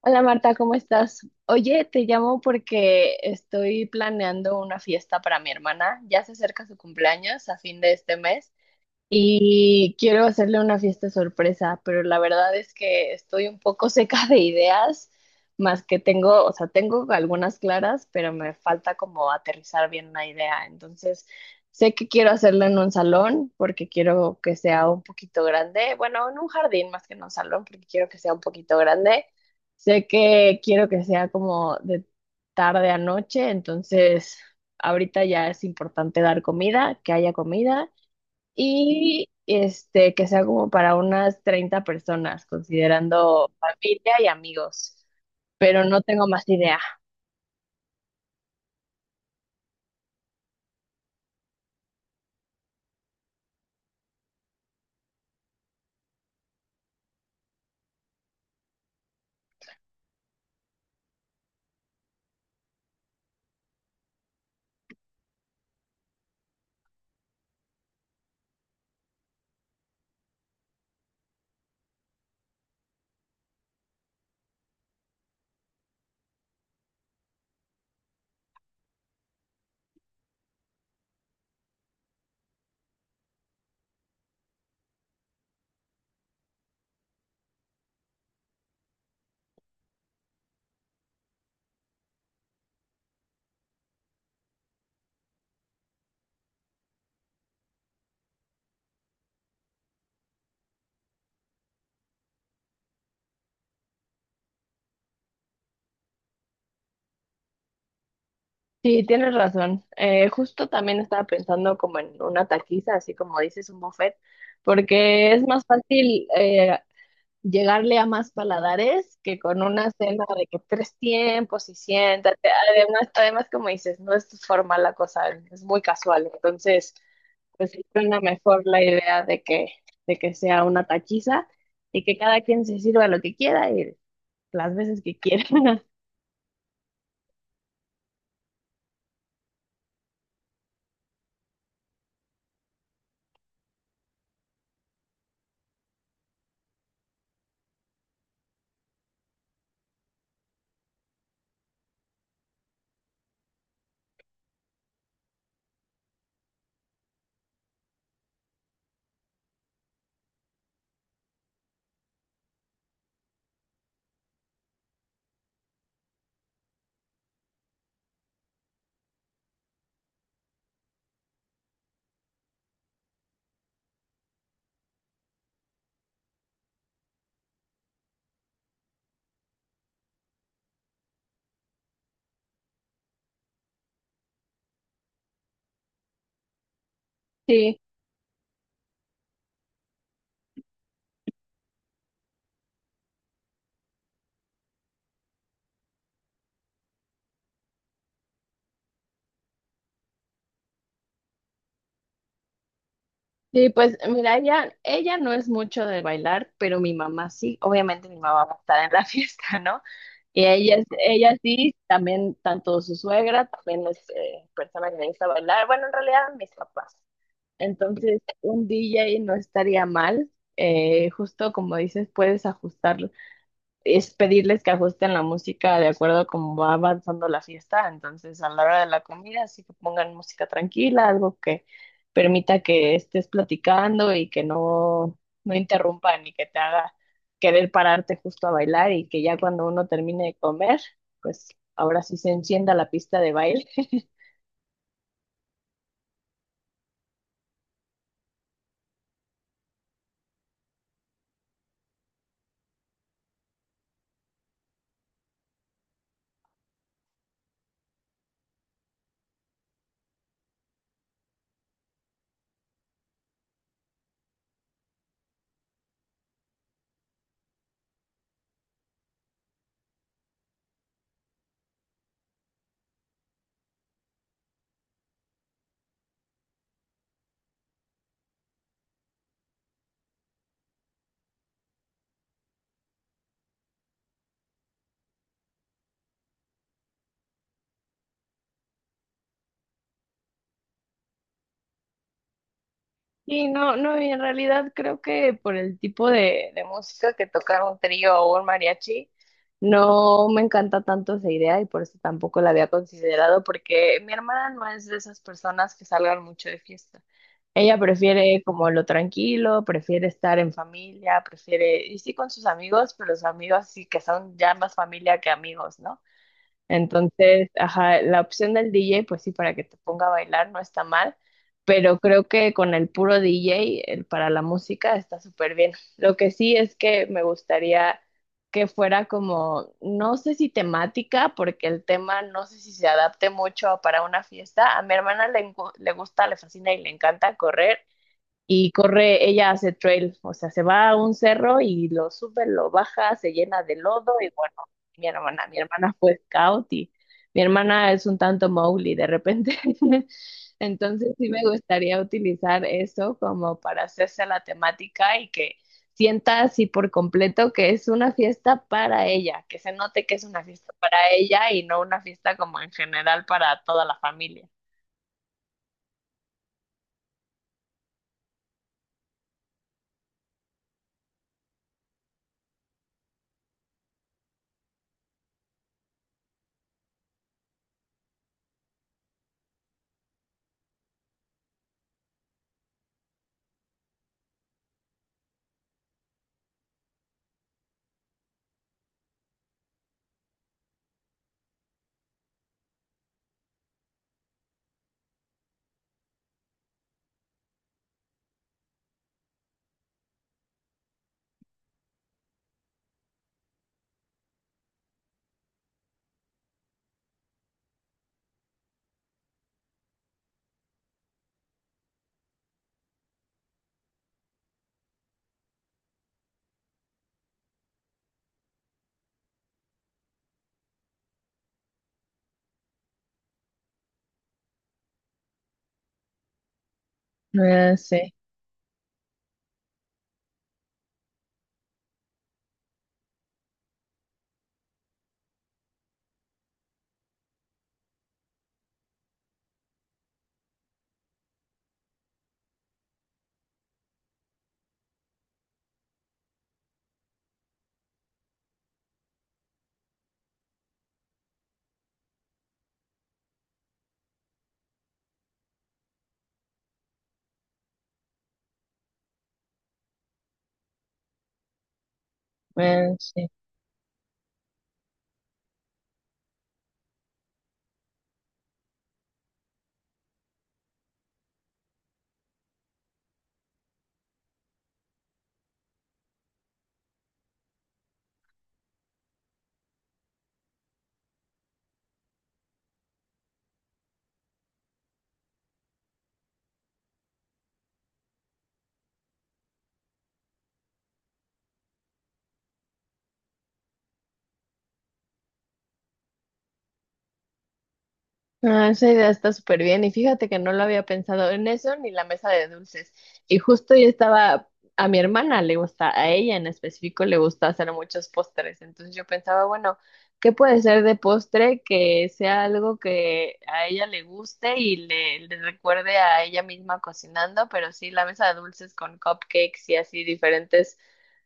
Hola Marta, ¿cómo estás? Oye, te llamo porque estoy planeando una fiesta para mi hermana. Ya se acerca su cumpleaños a fin de este mes y quiero hacerle una fiesta sorpresa, pero la verdad es que estoy un poco seca de ideas, más que tengo, o sea, tengo algunas claras, pero me falta como aterrizar bien una idea. Entonces, sé que quiero hacerlo en un salón porque quiero que sea un poquito grande, bueno, en un jardín más que en un salón porque quiero que sea un poquito grande. Sé que quiero que sea como de tarde a noche, entonces ahorita ya es importante dar comida, que haya comida y que sea como para unas 30 personas, considerando familia y amigos, pero no tengo más idea. Sí, tienes razón. Justo también estaba pensando como en una taquiza, así como dices, un buffet, porque es más fácil llegarle a más paladares que con una cena de que tres tiempos y siéntate. Además, además como dices, no es formal la cosa, es muy casual. Entonces, pues sí suena mejor la idea de que sea una tachiza y que cada quien se sirva lo que quiera y las veces que quiera. Sí, sí, pues mira, ella no es mucho de bailar, pero mi mamá sí, obviamente mi mamá va a estar en la fiesta, ¿no? Y ella, ella sí, también, tanto su suegra, también es persona que le gusta bailar, bueno, en realidad mis papás. Entonces, un DJ no estaría mal, justo como dices, puedes ajustar es pedirles que ajusten la música de acuerdo a cómo va avanzando la fiesta. Entonces, a la hora de la comida, sí que pongan música tranquila, algo que permita que estés platicando y que no, no interrumpa ni que te haga querer pararte justo a bailar y que ya cuando uno termine de comer, pues ahora sí se encienda la pista de baile. Sí, no, no, y en realidad creo que por el tipo de música que tocar un trío o un mariachi, no me encanta tanto esa idea y por eso tampoco la había considerado, porque mi hermana no es de esas personas que salgan mucho de fiesta. Ella prefiere como lo tranquilo, prefiere estar en familia, prefiere, y sí con sus amigos, pero sus amigos sí que son ya más familia que amigos, ¿no? Entonces, ajá, la opción del DJ, pues sí, para que te ponga a bailar no está mal, pero creo que con el puro DJ, el para la música, está súper bien. Lo que sí es que me gustaría que fuera como, no sé si temática, porque el tema no sé si se adapte mucho para una fiesta. A mi hermana le, le gusta, le fascina y le encanta correr, y corre, ella hace trail, o sea, se va a un cerro y lo sube, lo baja, se llena de lodo y bueno, mi hermana fue scout y mi hermana es un tanto Mowgli de repente. Entonces sí me gustaría utilizar eso como para hacerse la temática y que sienta así por completo que es una fiesta para ella, que se note que es una fiesta para ella y no una fiesta como en general para toda la familia. Ah, sí, ah, sí. Ah, esa idea está súper bien y fíjate que no lo había pensado en eso ni la mesa de dulces. Y justo yo estaba, a mi hermana le gusta, a ella en específico le gusta hacer muchos postres. Entonces yo pensaba, bueno, ¿qué puede ser de postre que sea algo que a ella le guste y le recuerde a ella misma cocinando? Pero sí, la mesa de dulces con cupcakes y así diferentes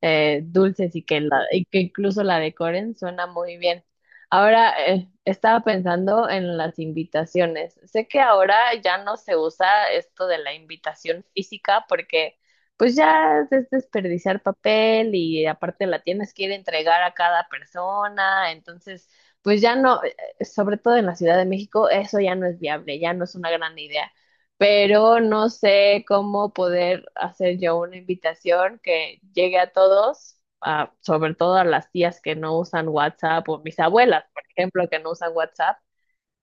dulces y que, y que incluso la decoren, suena muy bien. Ahora, estaba pensando en las invitaciones. Sé que ahora ya no se usa esto de la invitación física porque pues ya es desperdiciar papel y aparte la tienes que ir a entregar a cada persona, entonces pues ya no, sobre todo en la Ciudad de México, eso ya no es viable, ya no es una gran idea pero no sé cómo poder hacer yo una invitación que llegue a todos, sobre todo a las tías que no usan WhatsApp o mis abuelas, por ejemplo, que no usan WhatsApp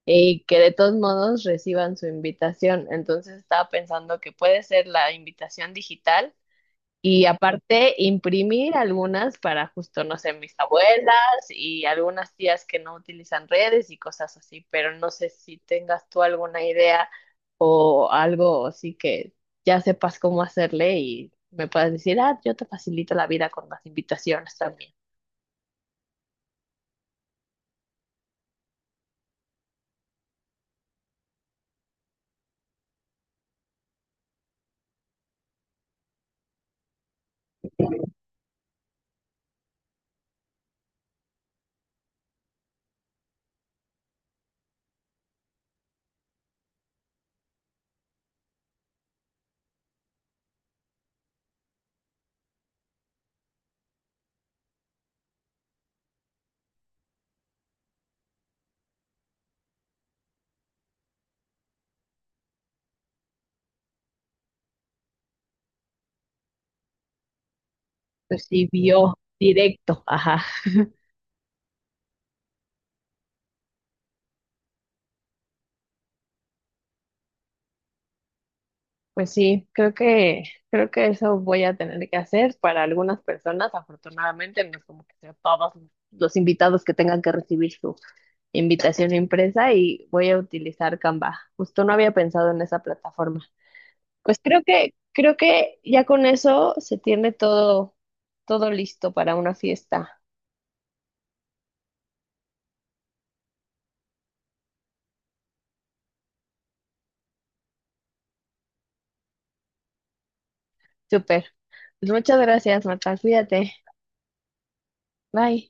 y que de todos modos reciban su invitación. Entonces estaba pensando que puede ser la invitación digital y aparte, imprimir algunas para justo, no sé, mis abuelas y algunas tías que no utilizan redes y cosas así, pero no sé si tengas tú alguna idea o algo así que ya sepas cómo hacerle y me puedas decir, ah, yo te facilito la vida con las invitaciones también. Pues sí, vio directo, ajá. Pues sí, creo que eso voy a tener que hacer para algunas personas, afortunadamente, no es como que sea todos los invitados que tengan que recibir su invitación impresa y voy a utilizar Canva. Justo no había pensado en esa plataforma. Pues creo que ya con eso se tiene todo, todo listo para una fiesta. Súper. Pues muchas gracias, Marta. Cuídate. Bye.